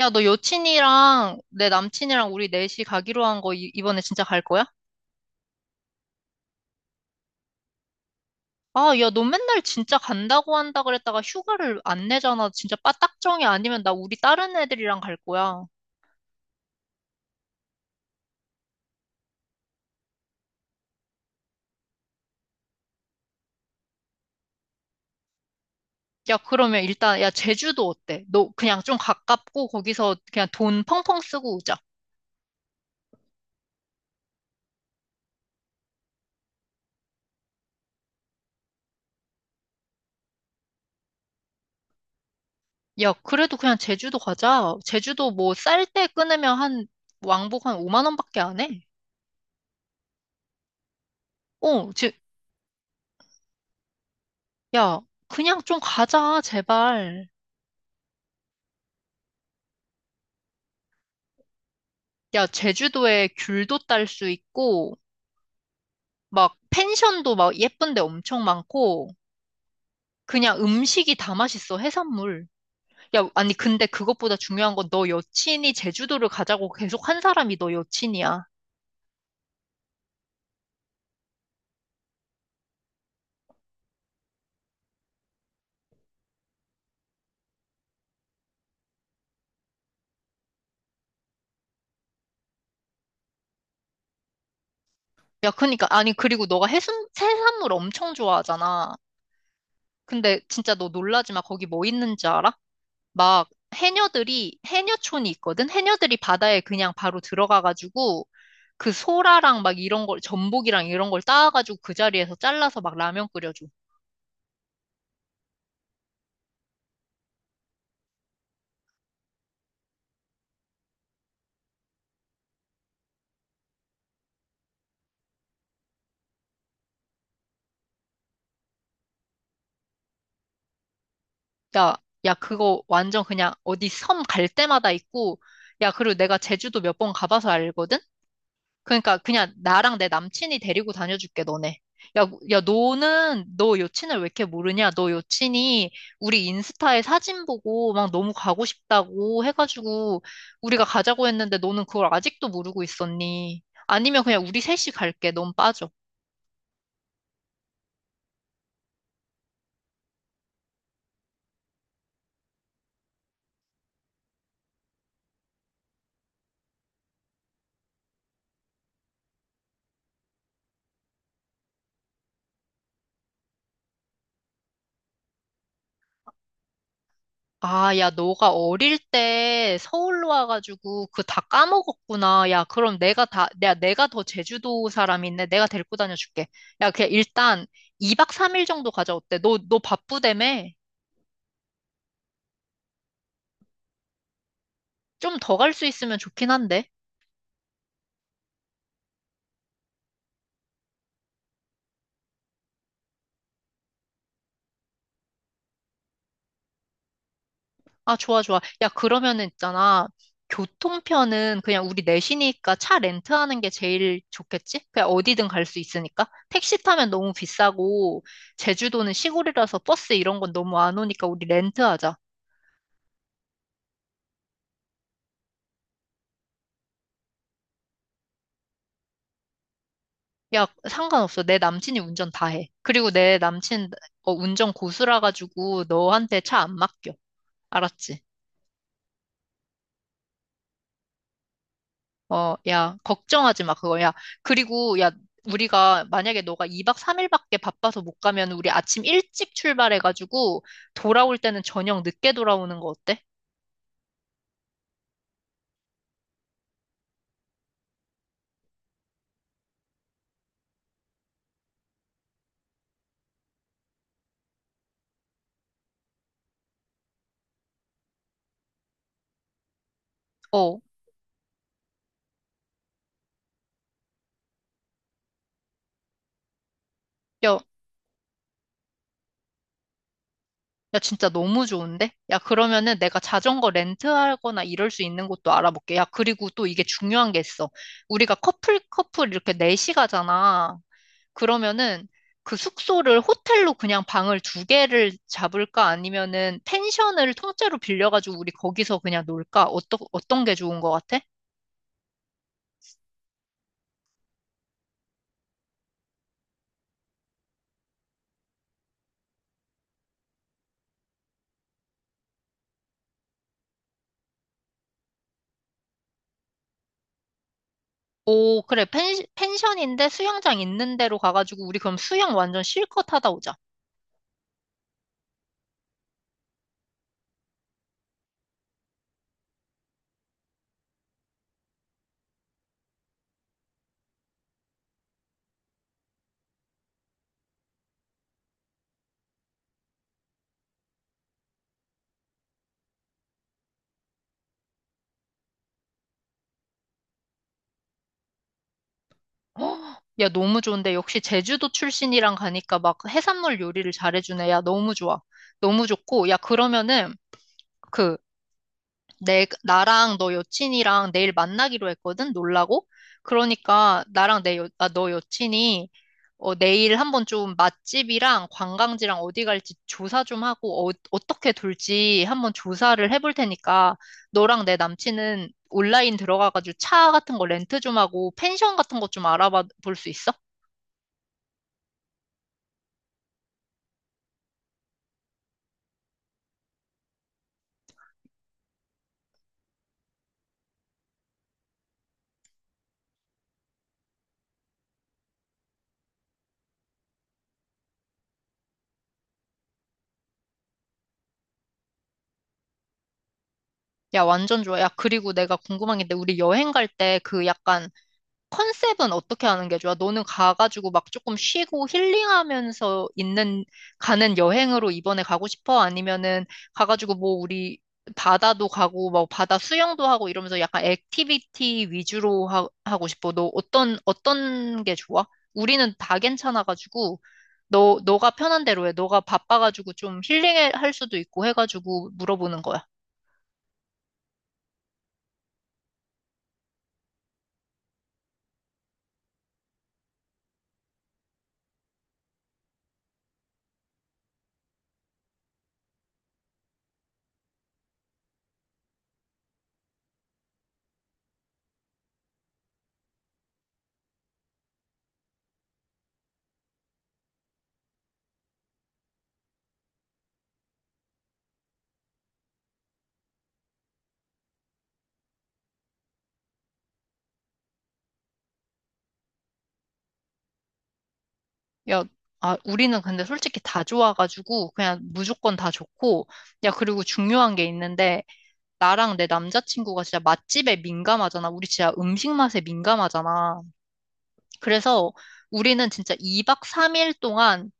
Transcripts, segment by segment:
야, 너 여친이랑 내 남친이랑 우리 넷이 가기로 한 거 이번에 진짜 갈 거야? 아, 야, 너 맨날 진짜 간다고 한다 그랬다가 휴가를 안 내잖아. 진짜 빠딱정이 아니면 나 우리 다른 애들이랑 갈 거야. 야, 그러면 일단, 야, 제주도 어때? 너 그냥 좀 가깝고 거기서 그냥 돈 펑펑 쓰고 오자. 야, 그래도 그냥 제주도 가자. 제주도 뭐 쌀 때 끊으면 한 왕복 한 5만 원밖에 안 해. 어, 제, 야, 그냥 좀 가자, 제발. 야, 제주도에 귤도 딸 수 있고, 막 펜션도 막 예쁜 데 엄청 많고, 그냥 음식이 다 맛있어, 해산물. 야, 아니, 근데 그것보다 중요한 건 너 여친이 제주도를 가자고 계속 한 사람이 너 여친이야. 야, 그니까, 아니, 그리고 너가 해산물 엄청 좋아하잖아. 근데 진짜 너 놀라지 마. 거기 뭐 있는지 알아? 막 해녀촌이 있거든? 해녀들이 바다에 그냥 바로 들어가가지고, 그 소라랑 막 이런 걸, 전복이랑 이런 걸 따와가지고 그 자리에서 잘라서 막 라면 끓여줘. 야, 야, 그거 완전 그냥 어디 섬 갈 때마다 있고, 야, 그리고 내가 제주도 몇 번 가봐서 알거든? 그러니까 그냥 나랑 내 남친이 데리고 다녀줄게, 너네. 야, 야, 너는 너 여친을 왜 이렇게 모르냐? 너 여친이 우리 인스타에 사진 보고 막 너무 가고 싶다고 해가지고 우리가 가자고 했는데 너는 그걸 아직도 모르고 있었니? 아니면 그냥 우리 셋이 갈게. 넌 빠져. 아, 야, 너가 어릴 때 서울로 와가지고 그 다 까먹었구나. 야, 야, 내가 더 제주도 사람인데 내가 데리고 다녀줄게. 야, 그냥 일단 2박 3일 정도 가자. 어때? 너 바쁘다며? 좀 더 갈 수 있으면 좋긴 한데. 아, 좋아, 좋아. 야, 그러면은 있잖아. 교통편은 그냥 우리 넷이니까 차 렌트하는 게 제일 좋겠지? 그냥 어디든 갈 수 있으니까. 택시 타면 너무 비싸고, 제주도는 시골이라서 버스 이런 건 너무 안 오니까 우리 렌트하자. 야, 상관없어. 내 남친이 운전 다 해. 그리고 내 남친 어, 운전 고수라 가지고 너한테 차 안 맡겨. 알았지? 어, 야, 걱정하지 마, 그거. 야, 우리가 만약에 너가 2박 3일밖에 바빠서 못 가면 우리 아침 일찍 출발해 가지고 돌아올 때는 저녁 늦게 돌아오는 거 어때? 어, 야, 야, 진짜 너무 좋은데? 야, 그러면은 내가 자전거 렌트하거나 이럴 수 있는 곳도 알아볼게. 야, 그리고 또 이게 중요한 게 있어. 우리가 커플, 커플 이렇게 넷이 가잖아. 그러면은 그 숙소를 호텔로 그냥 방을 두 개를 잡을까? 아니면은 펜션을 통째로 빌려가지고 우리 거기서 그냥 놀까? 어떤 게 좋은 것 같아? 오, 그래. 펜션인데 수영장 있는 데로 가가지고 우리 그럼 수영 완전 실컷 하다 오자. 헉, 야, 너무 좋은데. 역시 제주도 출신이랑 가니까 막 해산물 요리를 잘해주네. 야, 너무 좋아. 너무 좋고. 야, 그러면은, 그, 나랑 너 여친이랑 내일 만나기로 했거든? 놀라고? 그러니까, 나랑 내 여, 아, 너 여친이, 어, 내일 한번 좀 맛집이랑 관광지랑 어디 갈지 조사 좀 하고, 어, 어떻게 돌지 한번 조사를 해볼 테니까, 너랑 내 남친은 온라인 들어가가지고 차 같은 거 렌트 좀 하고, 펜션 같은 거 좀 알아봐 볼 수 있어? 야, 완전 좋아. 야, 그리고 내가 궁금한 게 있는데, 우리 여행 갈 때 그 약간 컨셉은 어떻게 하는 게 좋아? 너는 가가지고 막 조금 쉬고 힐링하면서 있는, 가는 여행으로 이번에 가고 싶어? 아니면은 가가지고 뭐 우리 바다도 가고, 뭐 바다 수영도 하고 이러면서 약간 액티비티 위주로 하고 싶어? 어떤 게 좋아? 우리는 다 괜찮아가지고, 너가 편한 대로 해. 너가 바빠가지고 좀 힐링할 수도 있고 해가지고 물어보는 거야. 야, 아, 우리는 근데 솔직히 다 좋아가지고 그냥 무조건 다 좋고, 야, 그리고 중요한 게 있는데, 나랑 내 남자친구가 진짜 맛집에 민감하잖아. 우리 진짜 음식 맛에 민감하잖아. 그래서 우리는 진짜 2박 3일 동안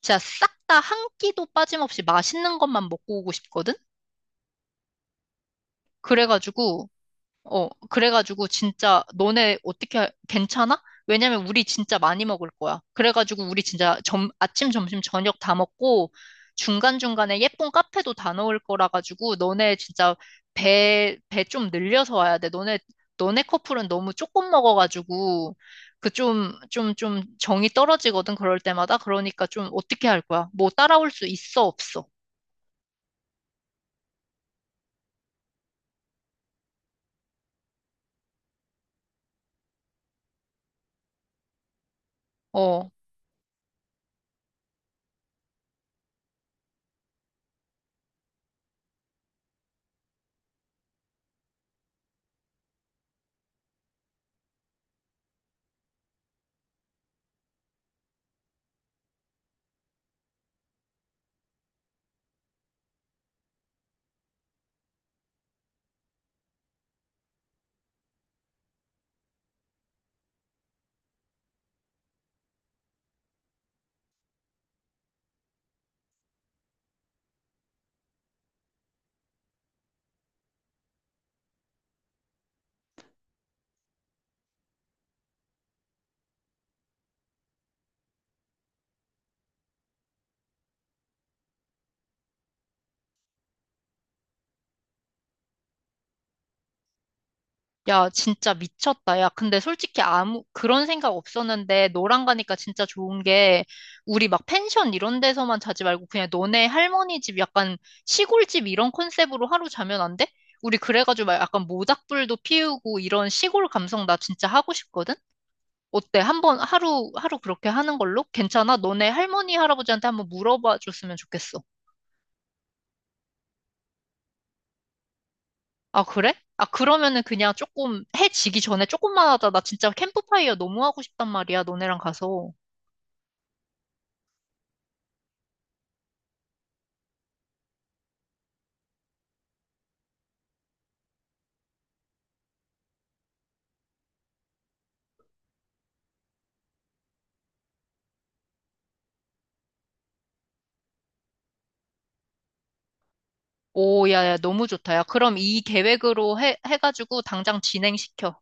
진짜 싹 다 한 끼도 빠짐없이 맛있는 것만 먹고 오고 싶거든? 그래가지고, 어, 그래가지고 진짜 너네 어떻게 할- 괜찮아? 왜냐면 우리 진짜 많이 먹을 거야. 그래가지고 우리 아침, 점심, 저녁 다 먹고 중간중간에 예쁜 카페도 다 넣을 거라 가지고 너네 진짜 배 좀 늘려서 와야 돼. 너네 커플은 너무 조금 먹어가지고 그 좀 정이 떨어지거든. 그럴 때마다. 그러니까 좀 어떻게 할 거야? 뭐 따라올 수 있어, 없어? 어. 야, 진짜 미쳤다. 야, 근데 솔직히 그런 생각 없었는데, 너랑 가니까 진짜 좋은 게, 우리 막 펜션 이런 데서만 자지 말고, 그냥 너네 할머니 집 약간 시골집 이런 컨셉으로 하루 자면 안 돼? 우리 그래가지고 막 약간 모닥불도 피우고 이런 시골 감성 나 진짜 하고 싶거든? 어때? 한번 하루, 하루 그렇게 하는 걸로? 괜찮아? 너네 할머니, 할아버지한테 한번 물어봐 줬으면 좋겠어. 아, 그래? 아, 그러면은 그냥 조금 해 지기 전에 조금만 하자. 나 진짜 캠프파이어 너무 하고 싶단 말이야, 너네랑 가서. 오, 야, 너무 좋다. 야, 그럼 이 계획으로 해가지고 당장 진행시켜.